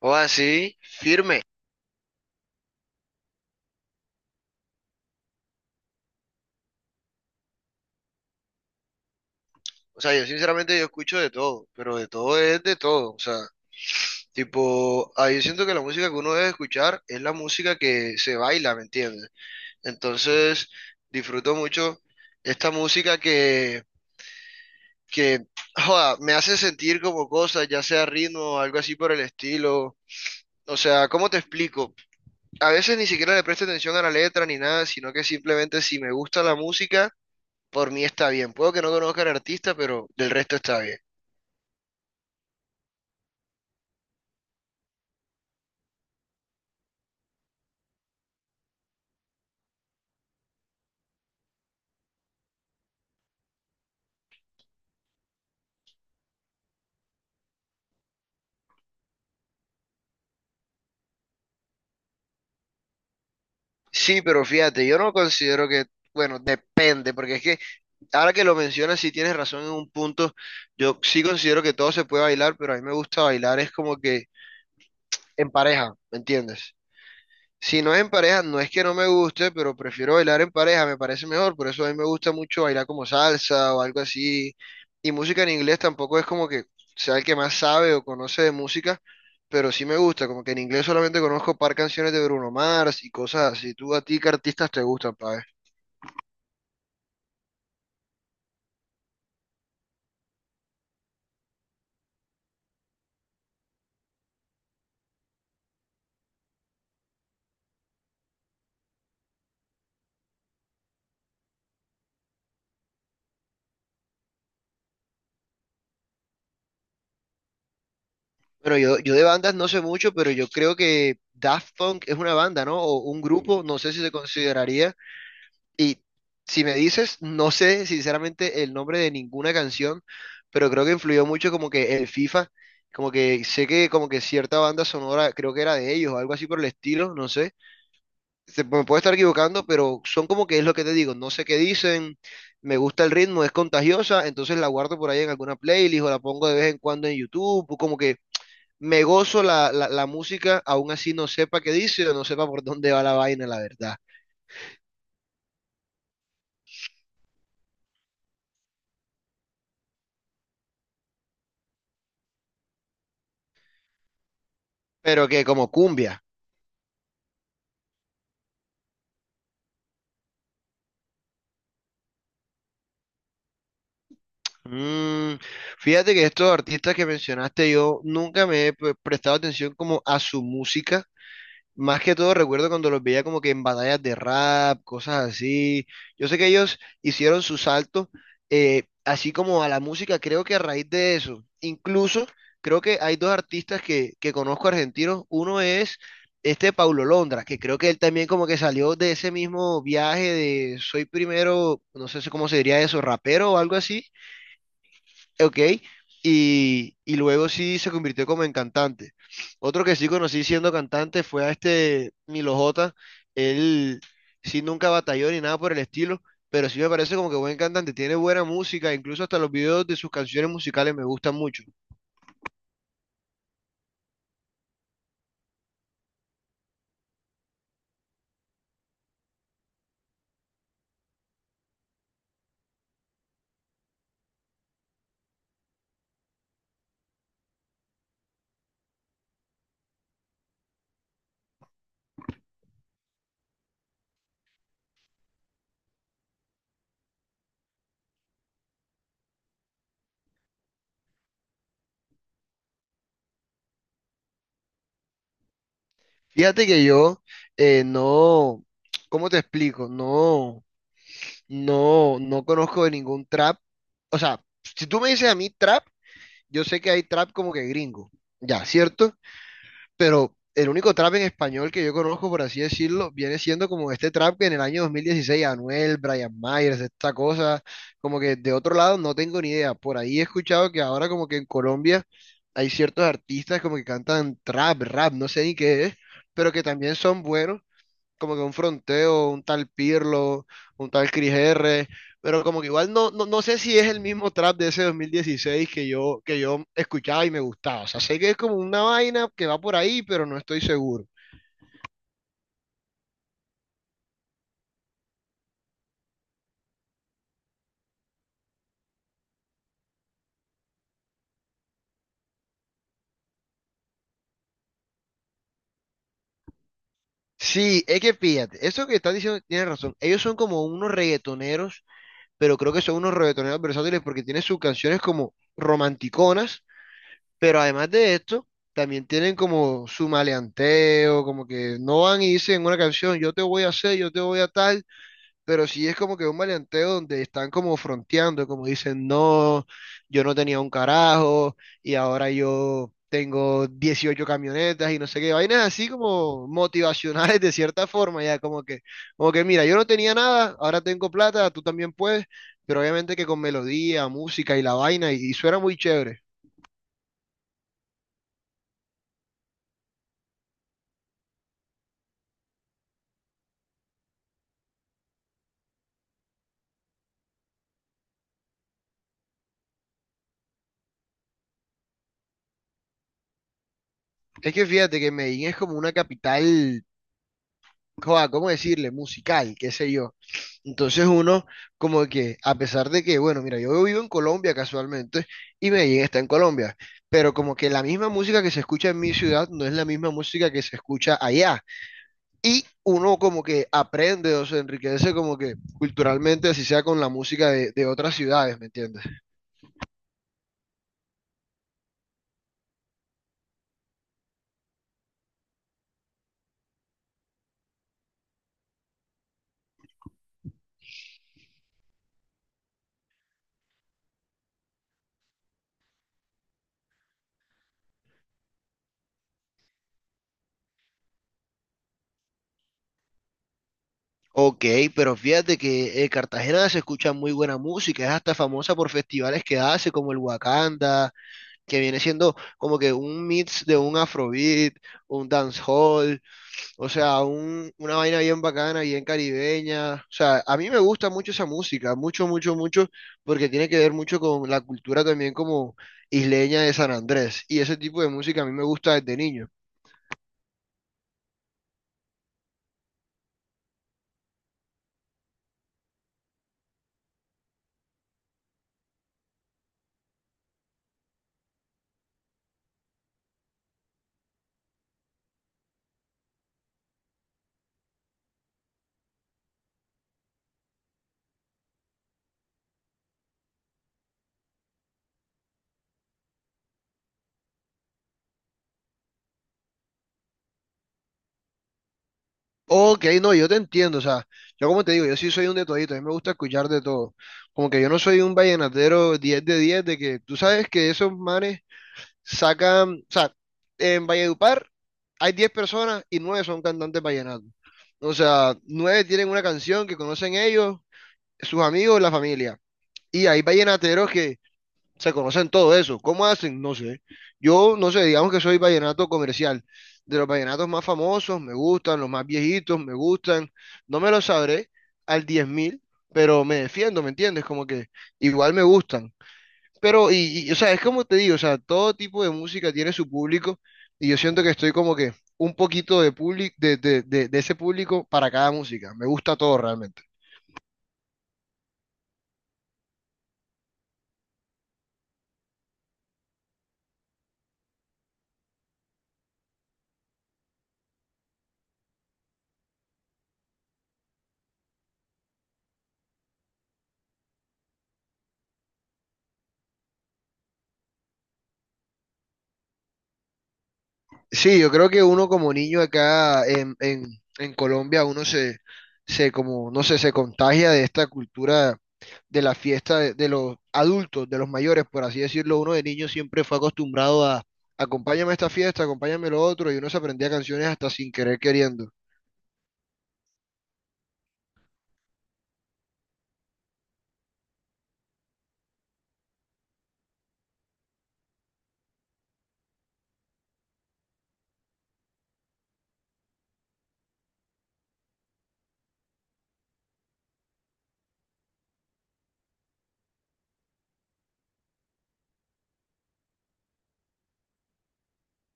O así, firme. O sea, yo sinceramente yo escucho de todo, pero de todo es de todo. O sea, tipo, ahí yo siento que la música que uno debe escuchar es la música que se baila, ¿me entiendes? Entonces, disfruto mucho esta música que, joda, me hace sentir como cosas, ya sea ritmo o algo así por el estilo. O sea, ¿cómo te explico? A veces ni siquiera le presto atención a la letra ni nada, sino que simplemente si me gusta la música, por mí está bien. Puedo que no conozca al artista, pero del resto está bien. Sí, pero fíjate, yo no considero que, bueno, depende, porque es que ahora que lo mencionas, sí tienes razón en un punto, yo sí considero que todo se puede bailar, pero a mí me gusta bailar es como que en pareja, ¿me entiendes? Si no es en pareja, no es que no me guste, pero prefiero bailar en pareja, me parece mejor, por eso a mí me gusta mucho bailar como salsa o algo así, y música en inglés tampoco es como que sea el que más sabe o conoce de música, pero sí me gusta, como que en inglés solamente conozco par canciones de Bruno Mars y cosas así, ¿tú a ti qué artistas te gustan, pa'? Bueno, yo de bandas no sé mucho, pero yo creo que Daft Punk es una banda, ¿no? O un grupo, no sé si se consideraría. Y si me dices, no sé sinceramente el nombre de ninguna canción, pero creo que influyó mucho como que el FIFA, como que sé que como que cierta banda sonora creo que era de ellos o algo así por el estilo, no sé. Me puedo estar equivocando, pero son como que es lo que te digo, no sé qué dicen, me gusta el ritmo, es contagiosa, entonces la guardo por ahí en alguna playlist o la pongo de vez en cuando en YouTube, o como que me gozo la música, aún así no sepa qué dice o no sepa por dónde va la vaina, la verdad. Pero que como cumbia. Mm, fíjate que estos artistas que mencionaste, yo nunca me he prestado atención como a su música. Más que todo recuerdo cuando los veía como que en batallas de rap, cosas así. Yo sé que ellos hicieron su salto, así como a la música, creo que a raíz de eso. Incluso creo que hay dos artistas que conozco argentinos. Uno es este Paulo Londra, que creo que él también como que salió de ese mismo viaje de soy primero, no sé cómo se diría eso, rapero o algo así. Ok, y luego sí se convirtió como en cantante. Otro que sí conocí siendo cantante fue a este Milo J. Él sí nunca batalló ni nada por el estilo, pero sí me parece como que buen cantante, tiene buena música, incluso hasta los videos de sus canciones musicales me gustan mucho. Fíjate que yo no, ¿cómo te explico? No, no conozco de ningún trap. O sea, si tú me dices a mí trap, yo sé que hay trap como que gringo, ya, ¿cierto? Pero el único trap en español que yo conozco, por así decirlo, viene siendo como este trap que en el año 2016 Anuel, Brian Myers, esta cosa, como que de otro lado no tengo ni idea. Por ahí he escuchado que ahora como que en Colombia hay ciertos artistas como que cantan trap, rap, no sé ni qué es, pero que también son buenos como que un fronteo, un tal Pirlo, un tal Cris R, pero como que igual no, no sé si es el mismo trap de ese 2016 que yo escuchaba y me gustaba. O sea, sé que es como una vaina que va por ahí, pero no estoy seguro. Sí, es que fíjate, eso que estás diciendo tienes razón. Ellos son como unos reggaetoneros, pero creo que son unos reggaetoneros versátiles porque tienen sus canciones como romanticonas, pero además de esto, también tienen como su maleanteo, como que no van y dicen una canción, yo te voy a hacer, yo te voy a tal, pero sí es como que un maleanteo donde están como fronteando, como dicen, no, yo no tenía un carajo y ahora yo tengo 18 camionetas y no sé qué, vainas así como motivacionales de cierta forma, ya como que mira, yo no tenía nada, ahora tengo plata, tú también puedes, pero obviamente que con melodía, música y la vaina y suena muy chévere. Es que fíjate que Medellín es como una capital, joa, ¿cómo decirle? Musical, qué sé yo. Entonces uno como que, a pesar de que, bueno, mira, yo vivo en Colombia casualmente y Medellín está en Colombia, pero como que la misma música que se escucha en mi ciudad no es la misma música que se escucha allá. Y uno como que aprende o se enriquece como que culturalmente, así sea con la música de otras ciudades, ¿me entiendes? Ok, pero fíjate que Cartagena se escucha muy buena música, es hasta famosa por festivales que hace, como el Wakanda, que viene siendo como que un mix de un afrobeat, un dancehall. O sea, una vaina bien bacana, bien caribeña. O sea, a mí me gusta mucho esa música, mucho, mucho, mucho, porque tiene que ver mucho con la cultura también como isleña de San Andrés. Y ese tipo de música a mí me gusta desde niño. Ok, no, yo te entiendo, o sea, yo como te digo, yo sí soy un de todito, a mí me gusta escuchar de todo. Como que yo no soy un vallenatero 10 de que tú sabes que esos manes sacan, o sea, en Valledupar hay 10 personas y 9 son cantantes vallenatos. O sea, 9 tienen una canción que conocen ellos, sus amigos, la familia. Y hay vallenateros que se conocen todo eso. ¿Cómo hacen? No sé. Yo, no sé, digamos que soy vallenato comercial. De los vallenatos más famosos, me gustan, los más viejitos, me gustan. No me los sabré al 10.000 pero me defiendo, ¿me entiendes? Como que igual me gustan. Pero, o sea, es como te digo, o sea, todo tipo de música tiene su público y yo siento que estoy como que un poquito de, público de ese público para cada música. Me gusta todo realmente. Sí, yo creo que uno como niño acá en Colombia, uno se como, no sé, se contagia de esta cultura de la fiesta de los adultos, de los mayores, por así decirlo, uno de niño siempre fue acostumbrado a acompáñame a esta fiesta, acompáñame a lo otro, y uno se aprendía canciones hasta sin querer queriendo.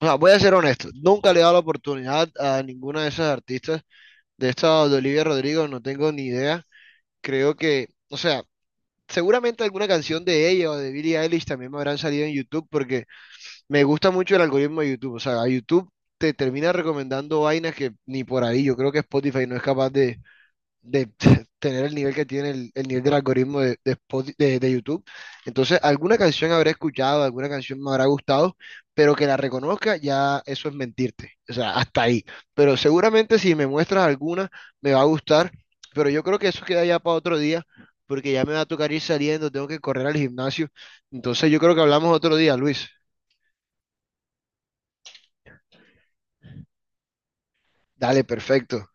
O sea, voy a ser honesto, nunca le he dado la oportunidad a ninguna de esas artistas. De esta de Olivia Rodrigo no tengo ni idea. Creo que, o sea, seguramente alguna canción de ella o de Billie Eilish también me habrán salido en YouTube porque me gusta mucho el algoritmo de YouTube. O sea, a YouTube te termina recomendando vainas que ni por ahí. Yo creo que Spotify no es capaz de tener el nivel que tiene el nivel del algoritmo de YouTube. Entonces, alguna canción habré escuchado, alguna canción me habrá gustado, pero que la reconozca, ya eso es mentirte. O sea, hasta ahí. Pero seguramente si me muestras alguna, me va a gustar, pero yo creo que eso queda ya para otro día, porque ya me va a tocar ir saliendo, tengo que correr al gimnasio. Entonces, yo creo que hablamos otro día, Luis. Dale, perfecto.